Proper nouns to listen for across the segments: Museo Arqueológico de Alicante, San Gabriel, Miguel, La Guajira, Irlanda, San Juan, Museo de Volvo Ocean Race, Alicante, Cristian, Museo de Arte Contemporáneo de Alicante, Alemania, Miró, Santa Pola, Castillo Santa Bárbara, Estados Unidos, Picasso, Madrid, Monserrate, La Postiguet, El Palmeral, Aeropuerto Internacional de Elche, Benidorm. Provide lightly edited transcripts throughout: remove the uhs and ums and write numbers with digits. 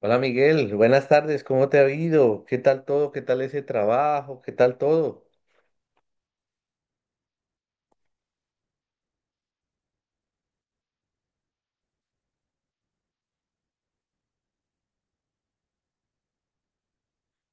Hola Miguel, buenas tardes, ¿cómo te ha ido? ¿Qué tal todo? ¿Qué tal ese trabajo? ¿Qué tal todo?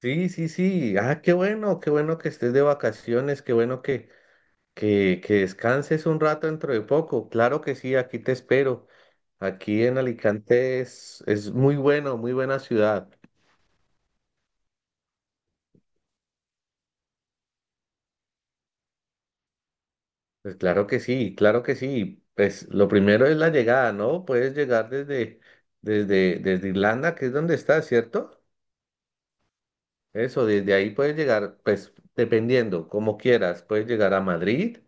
Sí, sí, sí. Ah, qué bueno que estés de vacaciones, qué bueno que descanses un rato dentro de poco. Claro que sí, aquí te espero. Aquí en Alicante es muy bueno, muy buena ciudad. Pues claro que sí, claro que sí. Pues lo primero es la llegada, ¿no? Puedes llegar desde Irlanda, que es donde estás, ¿cierto? Eso, desde ahí puedes llegar, pues dependiendo, como quieras, puedes llegar a Madrid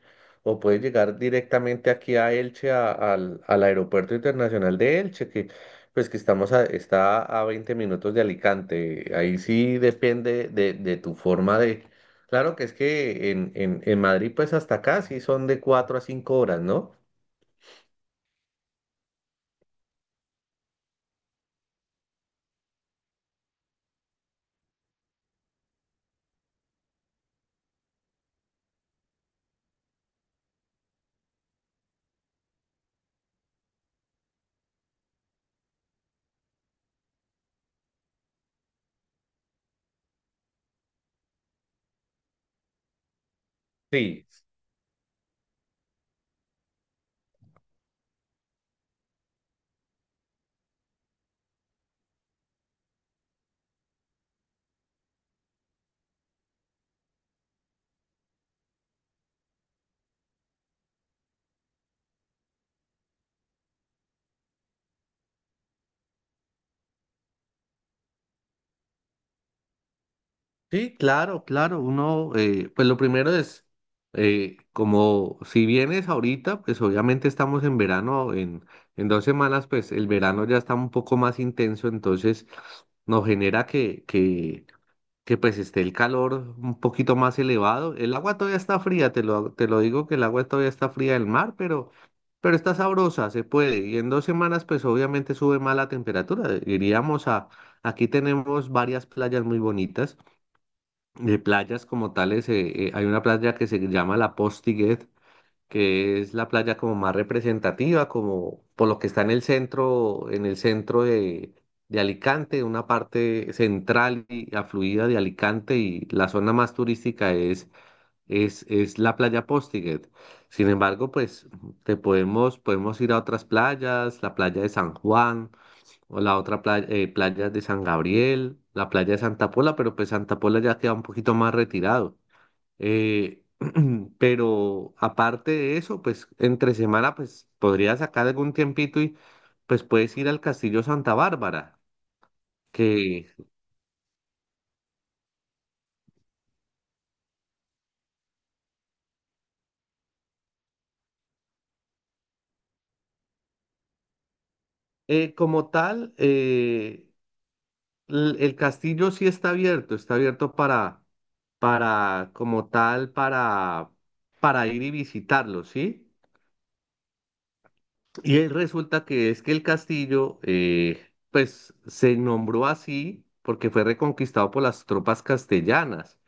o puedes llegar directamente aquí a Elche, al Aeropuerto Internacional de Elche, que pues que está a 20 minutos de Alicante. Ahí sí depende de tu forma de. Claro que es que en Madrid pues hasta acá sí son de 4 a 5 horas, ¿no? Sí. Sí, claro, claro. Uno, pues lo primero es, como si vienes ahorita, pues obviamente estamos en verano, en 2 semanas, pues el verano ya está un poco más intenso, entonces nos genera que pues esté el calor un poquito más elevado. El agua todavía está fría, te lo digo que el agua todavía está fría del mar, pero está sabrosa, se puede. Y en 2 semanas, pues obviamente sube más la temperatura. Aquí tenemos varias playas muy bonitas. De playas como tales, hay una playa que se llama La Postiguet, que es la playa como más representativa, como por lo que está en el centro de Alicante, una parte central y afluida de Alicante, y la zona más turística es la playa Postiguet. Sin embargo, pues podemos ir a otras playas, la playa de San Juan o la otra playa, playa de San Gabriel, la playa de Santa Pola, pero pues Santa Pola ya queda un poquito más retirado. Eh, pero aparte de eso, pues entre semana, pues podrías sacar algún tiempito y pues puedes ir al Castillo Santa Bárbara, que como tal, el castillo sí está abierto como tal, para ir y visitarlo, ¿sí? Y resulta que es que el castillo, pues se nombró así porque fue reconquistado por las tropas castellanas,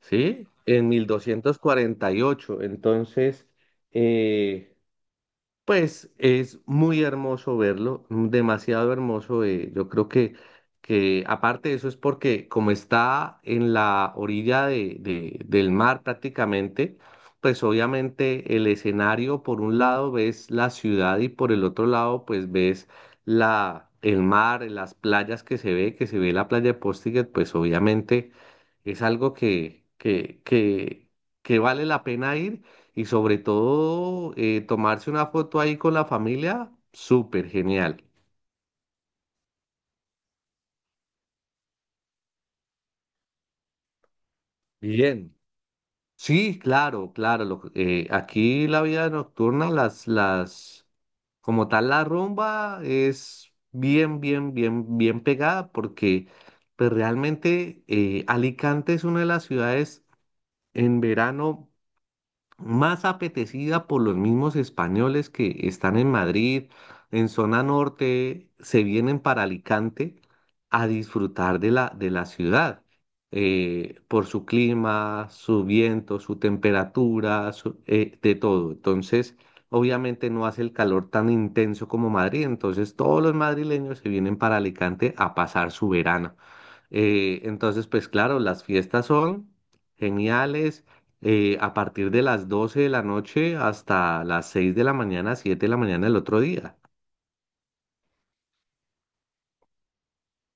¿sí? En 1248. Entonces, eh, pues es muy hermoso verlo, demasiado hermoso. Yo creo que aparte de eso es porque como está en la orilla del mar prácticamente, pues obviamente el escenario por un lado ves la ciudad y por el otro lado pues ves el mar, las playas que se ve la playa de Postiguet, pues obviamente es algo que vale la pena ir. Y sobre todo, tomarse una foto ahí con la familia, súper genial. Bien. Sí, claro, claro. Aquí la vida nocturna, como tal, la rumba es bien, bien, bien, bien pegada porque pues, realmente Alicante es una de las ciudades en verano más apetecida por los mismos españoles que están en Madrid, en zona norte, se vienen para Alicante a disfrutar de la ciudad, por su clima, su viento, su temperatura, de todo. Entonces, obviamente no hace el calor tan intenso como Madrid, entonces todos los madrileños se vienen para Alicante a pasar su verano. Entonces, pues claro, las fiestas son geniales, a partir de las 12 de la noche hasta las 6 de la mañana, 7 de la mañana del otro día.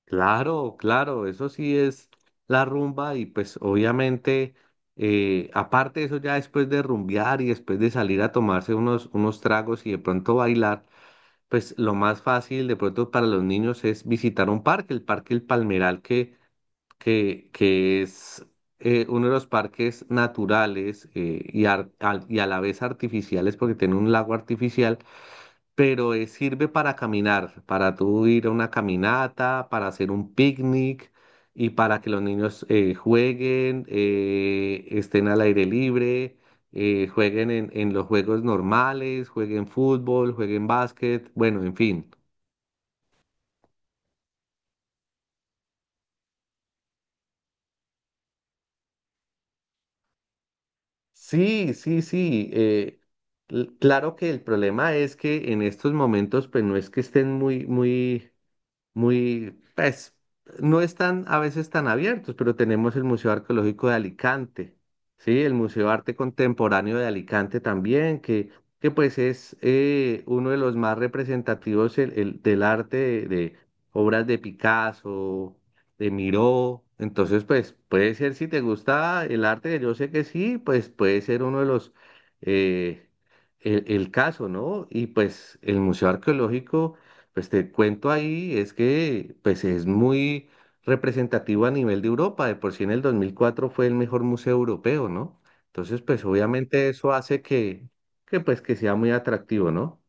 Claro, claro, eso sí es la rumba y pues obviamente, aparte de eso ya después de rumbear y después de salir a tomarse unos tragos y de pronto bailar, pues lo más fácil de pronto para los niños es visitar un parque, el Parque El Palmeral que es uno de los parques naturales y a la vez artificiales porque tiene un lago artificial, pero sirve para caminar, para tú ir a una caminata, para hacer un picnic y para que los niños jueguen, estén al aire libre. Jueguen en los juegos normales, jueguen fútbol, jueguen básquet, bueno, en fin. Sí, sí, sí. Claro que el problema es que en estos momentos, pues no es que estén muy, muy, muy, pues, no están a veces tan abiertos, pero tenemos el Museo Arqueológico de Alicante, ¿sí? El Museo de Arte Contemporáneo de Alicante también, que pues es uno de los más representativos del arte de obras de Picasso, de Miró. Entonces, pues puede ser, si te gusta el arte, que yo sé que sí, pues puede ser uno de los, eh, el caso, ¿no? Y pues el Museo Arqueológico. Pues te cuento ahí, es que pues es muy representativo a nivel de Europa, de por sí en el 2004 fue el mejor museo europeo, ¿no? Entonces, pues obviamente eso hace que sea muy atractivo, ¿no?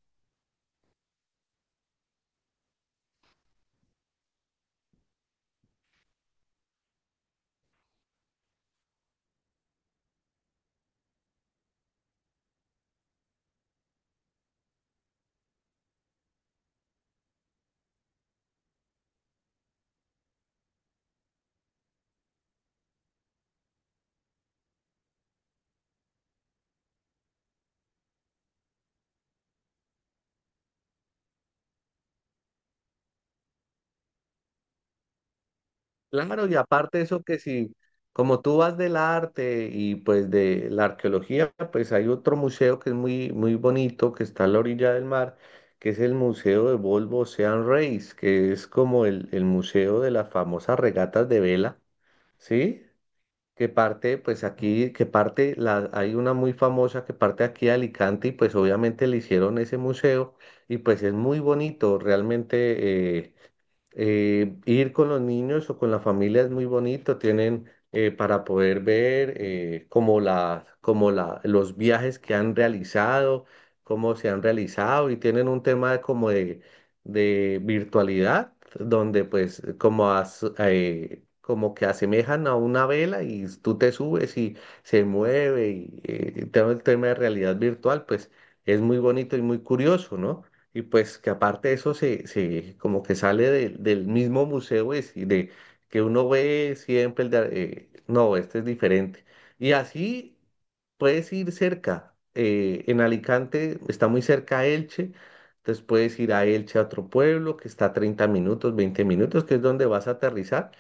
Claro, y aparte eso que si, como tú vas del arte y pues de la arqueología, pues hay otro museo que es muy, muy bonito, que está a la orilla del mar, que es el Museo de Volvo Ocean Race, que es como el museo de las famosas regatas de vela, ¿sí? que parte, pues aquí, que parte, la, Hay una muy famosa que parte aquí de Alicante y pues obviamente le hicieron ese museo y pues es muy bonito, realmente ir con los niños o con la familia es muy bonito, tienen para poder ver los viajes que han realizado, cómo se han realizado y tienen un tema de como de virtualidad, donde pues como que asemejan a una vela y tú te subes y se mueve y todo el tema de realidad virtual, pues es muy bonito y muy curioso, ¿no? Y pues que aparte de eso se como que sale del mismo museo es, y de que uno ve siempre no, este es diferente. Y así puedes ir cerca. En Alicante está muy cerca a Elche, entonces puedes ir a Elche a otro pueblo que está a 30 minutos, 20 minutos, que es donde vas a aterrizar.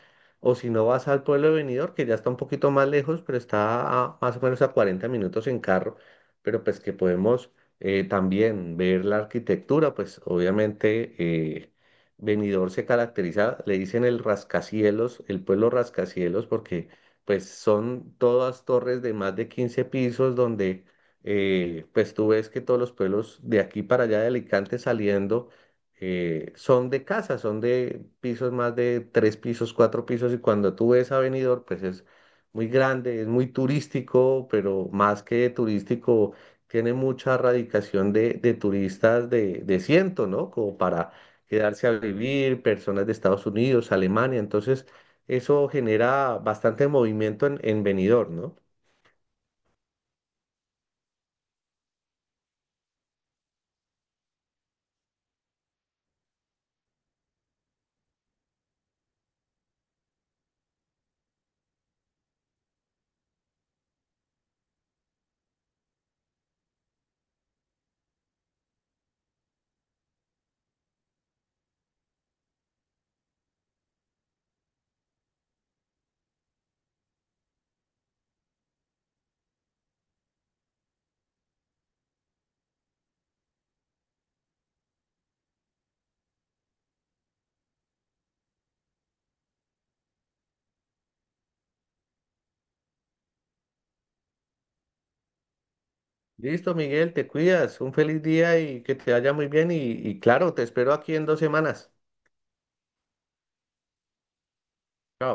O si no vas al pueblo de Benidorm, que ya está un poquito más lejos, pero está más o menos a 40 minutos en carro. Pero pues que podemos también ver la arquitectura, pues obviamente Benidorm se caracteriza, le dicen el rascacielos, el pueblo rascacielos, porque pues son todas torres de más de 15 pisos donde pues tú ves que todos los pueblos de aquí para allá de Alicante saliendo son de casas, son de pisos más de 3 pisos, 4 pisos y cuando tú ves a Benidorm pues es muy grande, es muy turístico, pero más que turístico tiene mucha radicación de turistas de ciento, ¿no? Como para quedarse a vivir, personas de Estados Unidos, Alemania. Entonces, eso genera bastante movimiento en Benidorm, ¿no? Listo, Miguel, te cuidas. Un feliz día y que te vaya muy bien. Y claro, te espero aquí en 2 semanas. Chao.